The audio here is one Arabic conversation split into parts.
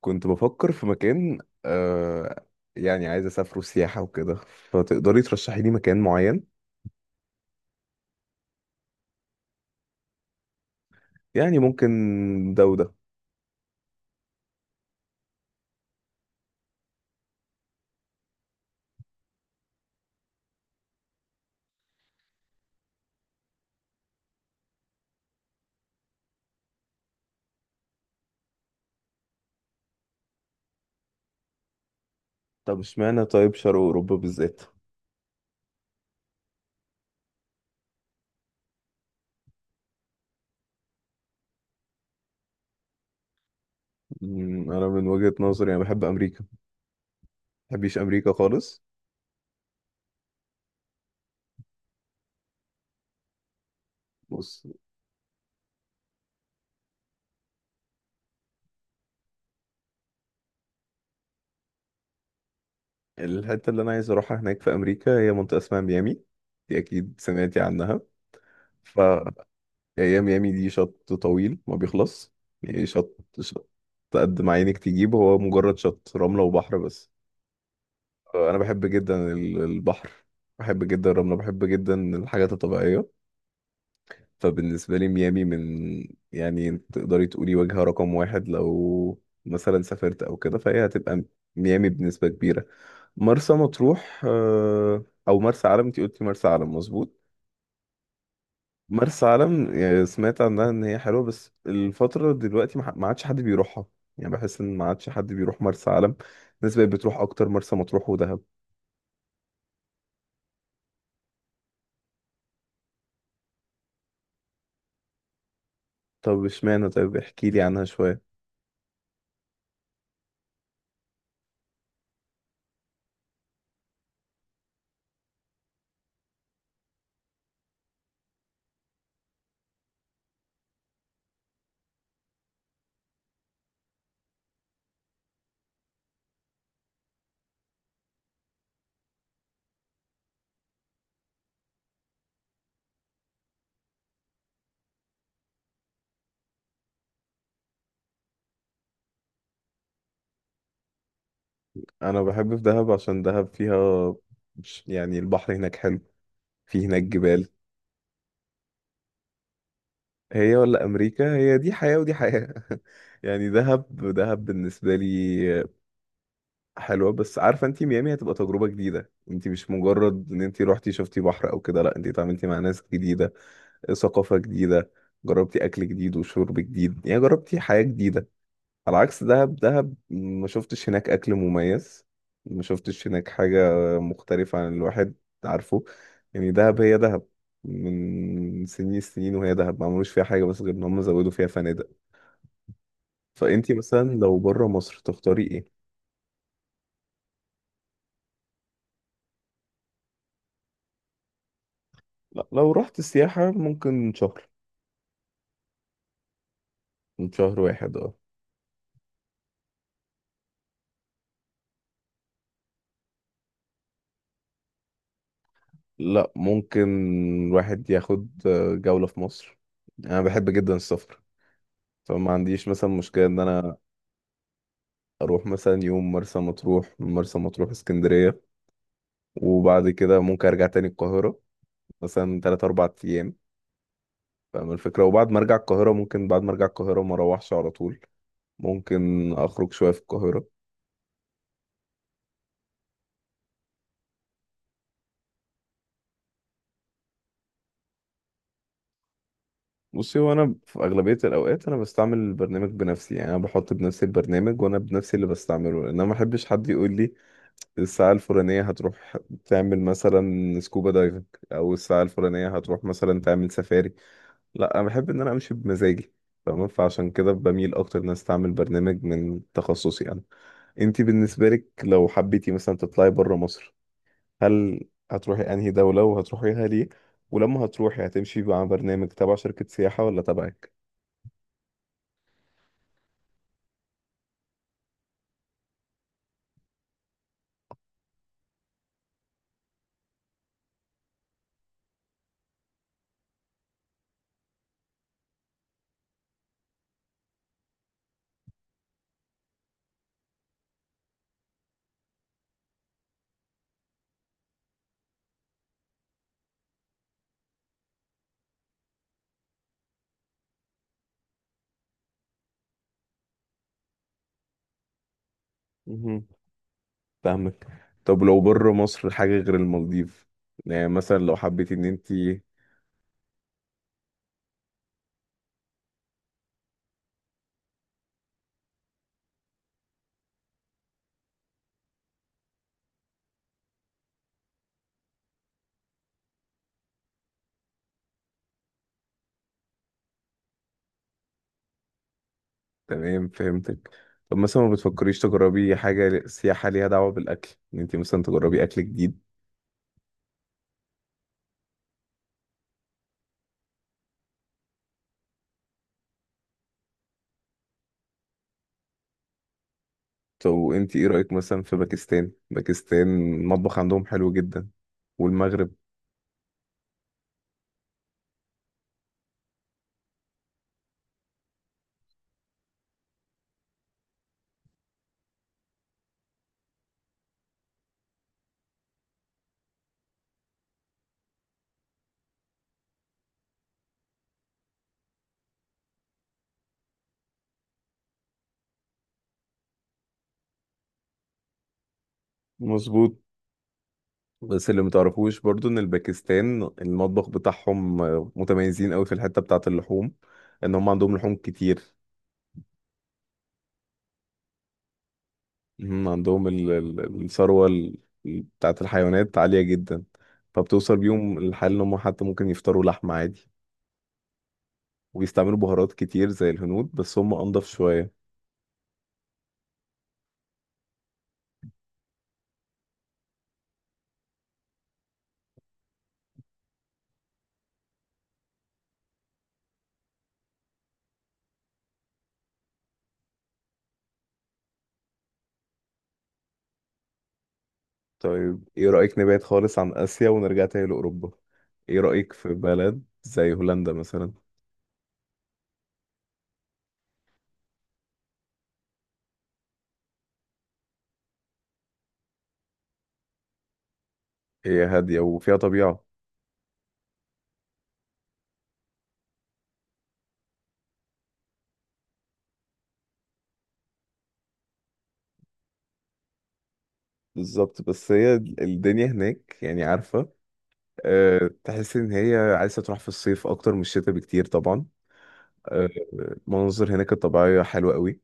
كنت بفكر في مكان. آه يعني عايز اسافره سياحة وكده. فتقدري ترشحي لي مكان معين؟ يعني ممكن، ده وده. طب اشمعنى؟ طيب شرق اوروبا بالذات؟ انا من وجهة نظري انا بحب امريكا، ما بحبش امريكا خالص. بص، الحتة اللي انا عايز اروحها هناك في امريكا هي منطقة اسمها ميامي، دي اكيد سمعتي عنها. ف هي ميامي دي شط طويل ما بيخلص، يعني شط شط، قد ما عينك تجيب، هو مجرد شط رملة وبحر بس. انا بحب جدا البحر، بحب جدا الرمله، بحب جدا الحاجات الطبيعيه. فبالنسبه لي ميامي من، يعني تقدري تقولي وجهه رقم واحد. لو مثلا سافرت او كده فهي هتبقى ميامي بنسبه كبيره. مرسى مطروح، او مرسى علم. انت قلتي مرسى علم، مظبوط. مرسى علم، يعني سمعت عنها ان هي حلوه، بس الفتره دلوقتي ما عادش حد بيروحها. يعني بحس ان ما عادش حد بيروح مرسى علم، الناس بقت بتروح اكتر مرسى مطروح ودهب. طب اشمعنى؟ طيب احكي لي عنها شويه. انا بحب في دهب عشان دهب فيها يعني البحر هناك حلو، في هناك جبال. هي ولا امريكا؟ هي دي حياة ودي حياة. يعني دهب دهب بالنسبة لي حلوة، بس عارفة انتي ميامي هتبقى تجربة جديدة، انتي مش مجرد ان انتي روحتي شفتي بحر او كده، لا، انتي اتعاملتي مع ناس جديدة، ثقافة جديدة، جربتي اكل جديد وشرب جديد، يعني جربتي حياة جديدة. على عكس دهب، دهب ما شفتش هناك اكل مميز، ما شفتش هناك حاجة مختلفة عن الواحد، عارفه. يعني دهب هي دهب من سنين السنين، وهي دهب ما عملوش فيها حاجة بس غير ان هم زودوا فيها فنادق. فانتي مثلا لو بره مصر تختاري ايه؟ لا، لو رحت سياحة ممكن شهر، من شهر واحد اه. لا، ممكن الواحد ياخد جولة في مصر. انا بحب جدا السفر، فما عنديش مثلا مشكلة ان انا اروح مثلا يوم مرسى مطروح، من مرسى مطروح اسكندريه، وبعد كده ممكن ارجع تاني القاهره، مثلا 3 4 ايام. فاهم الفكره؟ وبعد ما ارجع القاهره ممكن، بعد ما ارجع القاهره ما اروحش على طول، ممكن اخرج شويه في القاهره. بصي، هو انا في اغلبيه الاوقات انا بستعمل البرنامج بنفسي، يعني انا بحط بنفسي البرنامج وانا بنفسي اللي بستعمله، لان انا ما احبش حد يقول لي الساعه الفلانيه هتروح تعمل مثلا سكوبا دايفنج، او الساعه الفلانيه هتروح مثلا تعمل سفاري. لا، انا بحب ان انا امشي بمزاجي. تمام، فعشان كده بميل اكتر ان أنا استعمل برنامج من تخصصي انا. انتي بالنسبه لك لو حبيتي مثلا تطلعي بره مصر، هل هتروحي انهي دوله وهتروحيها ليه؟ ولما هتروحي هتمشي مع برنامج تبع شركه سياحه ولا تبعك؟ مهم. فاهمك. طب لو بره مصر حاجه غير المالديف، يعني مثلا لو حبيتي ان انتي. تمام، فهمتك. طب مثلا ما بتفكريش تجربي حاجه سياحه ليها دعوه بالاكل، ان انتي مثلا تجربي اكل جديد؟ طب وانت ايه رأيك مثلا في باكستان؟ باكستان المطبخ عندهم حلو جدا، والمغرب. مظبوط، بس اللي متعرفوش برضو ان الباكستان المطبخ بتاعهم متميزين قوي في الحتة بتاعة اللحوم، ان هم عندهم لحوم كتير. هم عندهم الثروة بتاعة الحيوانات عالية جدا، فبتوصل بيهم الحال ان هم حتى ممكن يفطروا لحمة عادي، ويستعملوا بهارات كتير زي الهنود بس هم انضف شوية. طيب ايه رأيك نبعد خالص عن آسيا ونرجع تاني لأوروبا؟ ايه رأيك في بلد زي هولندا مثلا؟ هي هادية وفيها طبيعة. بالظبط، بس هي الدنيا هناك يعني عارفة، تحس إن هي عايزة تروح في الصيف أكتر من الشتاء بكتير طبعا. أه. المناظر هناك الطبيعية حلوة قوي،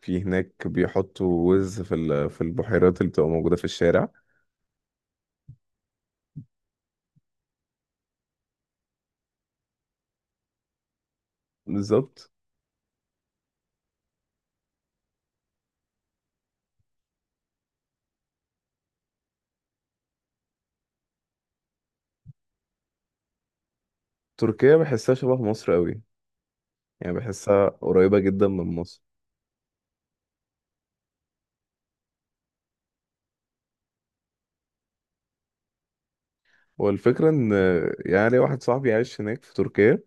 في هناك بيحطوا وز في البحيرات اللي بتبقى موجودة في الشارع. بالظبط. تركيا بحسها شبه مصر قوي، يعني بحسها قريبة جدا من مصر. والفكرة ان، يعني واحد صاحبي عايش هناك في تركيا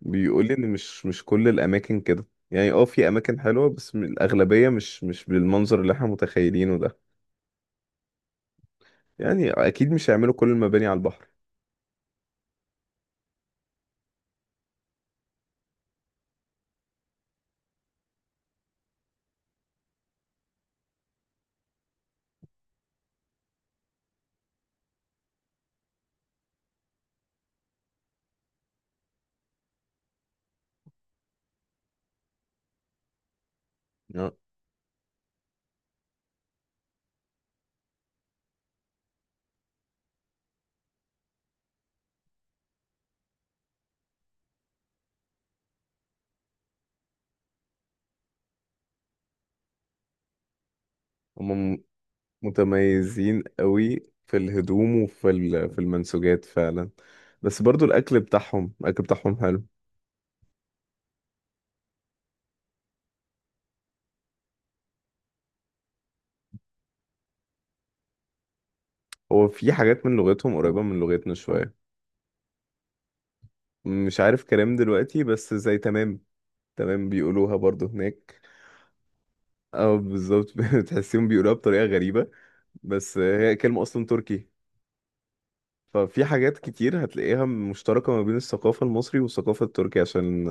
بيقول لي ان مش كل الاماكن كده، يعني في اماكن حلوة، بس الاغلبية مش بالمنظر اللي احنا متخيلينه ده، يعني اكيد مش هيعملوا كل المباني على البحر. آه. هم متميزين قوي في الهدوم وفي ال- في المنسوجات فعلا، بس برضو الاكل بتاعهم، الاكل بتاعهم حلو. هو في حاجات من لغتهم قريبة من لغتنا شوية. مش عارف كلام دلوقتي، بس زي تمام. تمام بيقولوها برضو هناك. اه، بالظبط. بتحسيهم بيقولوها بطريقة غريبة، بس هي كلمة أصلا تركي. ففي حاجات كتير هتلاقيها مشتركة ما بين الثقافة المصري والثقافة التركية، عشان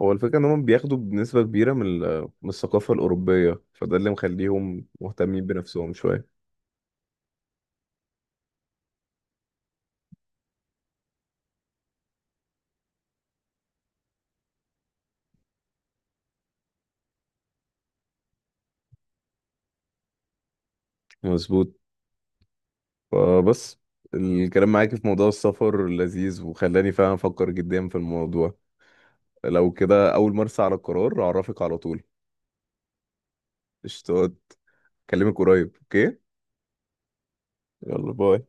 هو الفكرة إن هم بياخدوا بنسبة كبيرة من الثقافة الأوروبية، فده اللي مخليهم مهتمين بنفسهم شوية. مظبوط. فبس الكلام معاك في موضوع السفر لذيذ، وخلاني فعلا أفكر جدا في الموضوع. لو كده أول ما أرسى على القرار أعرفك على طول. قشطات. أكلمك قريب، أوكي؟ يلا باي.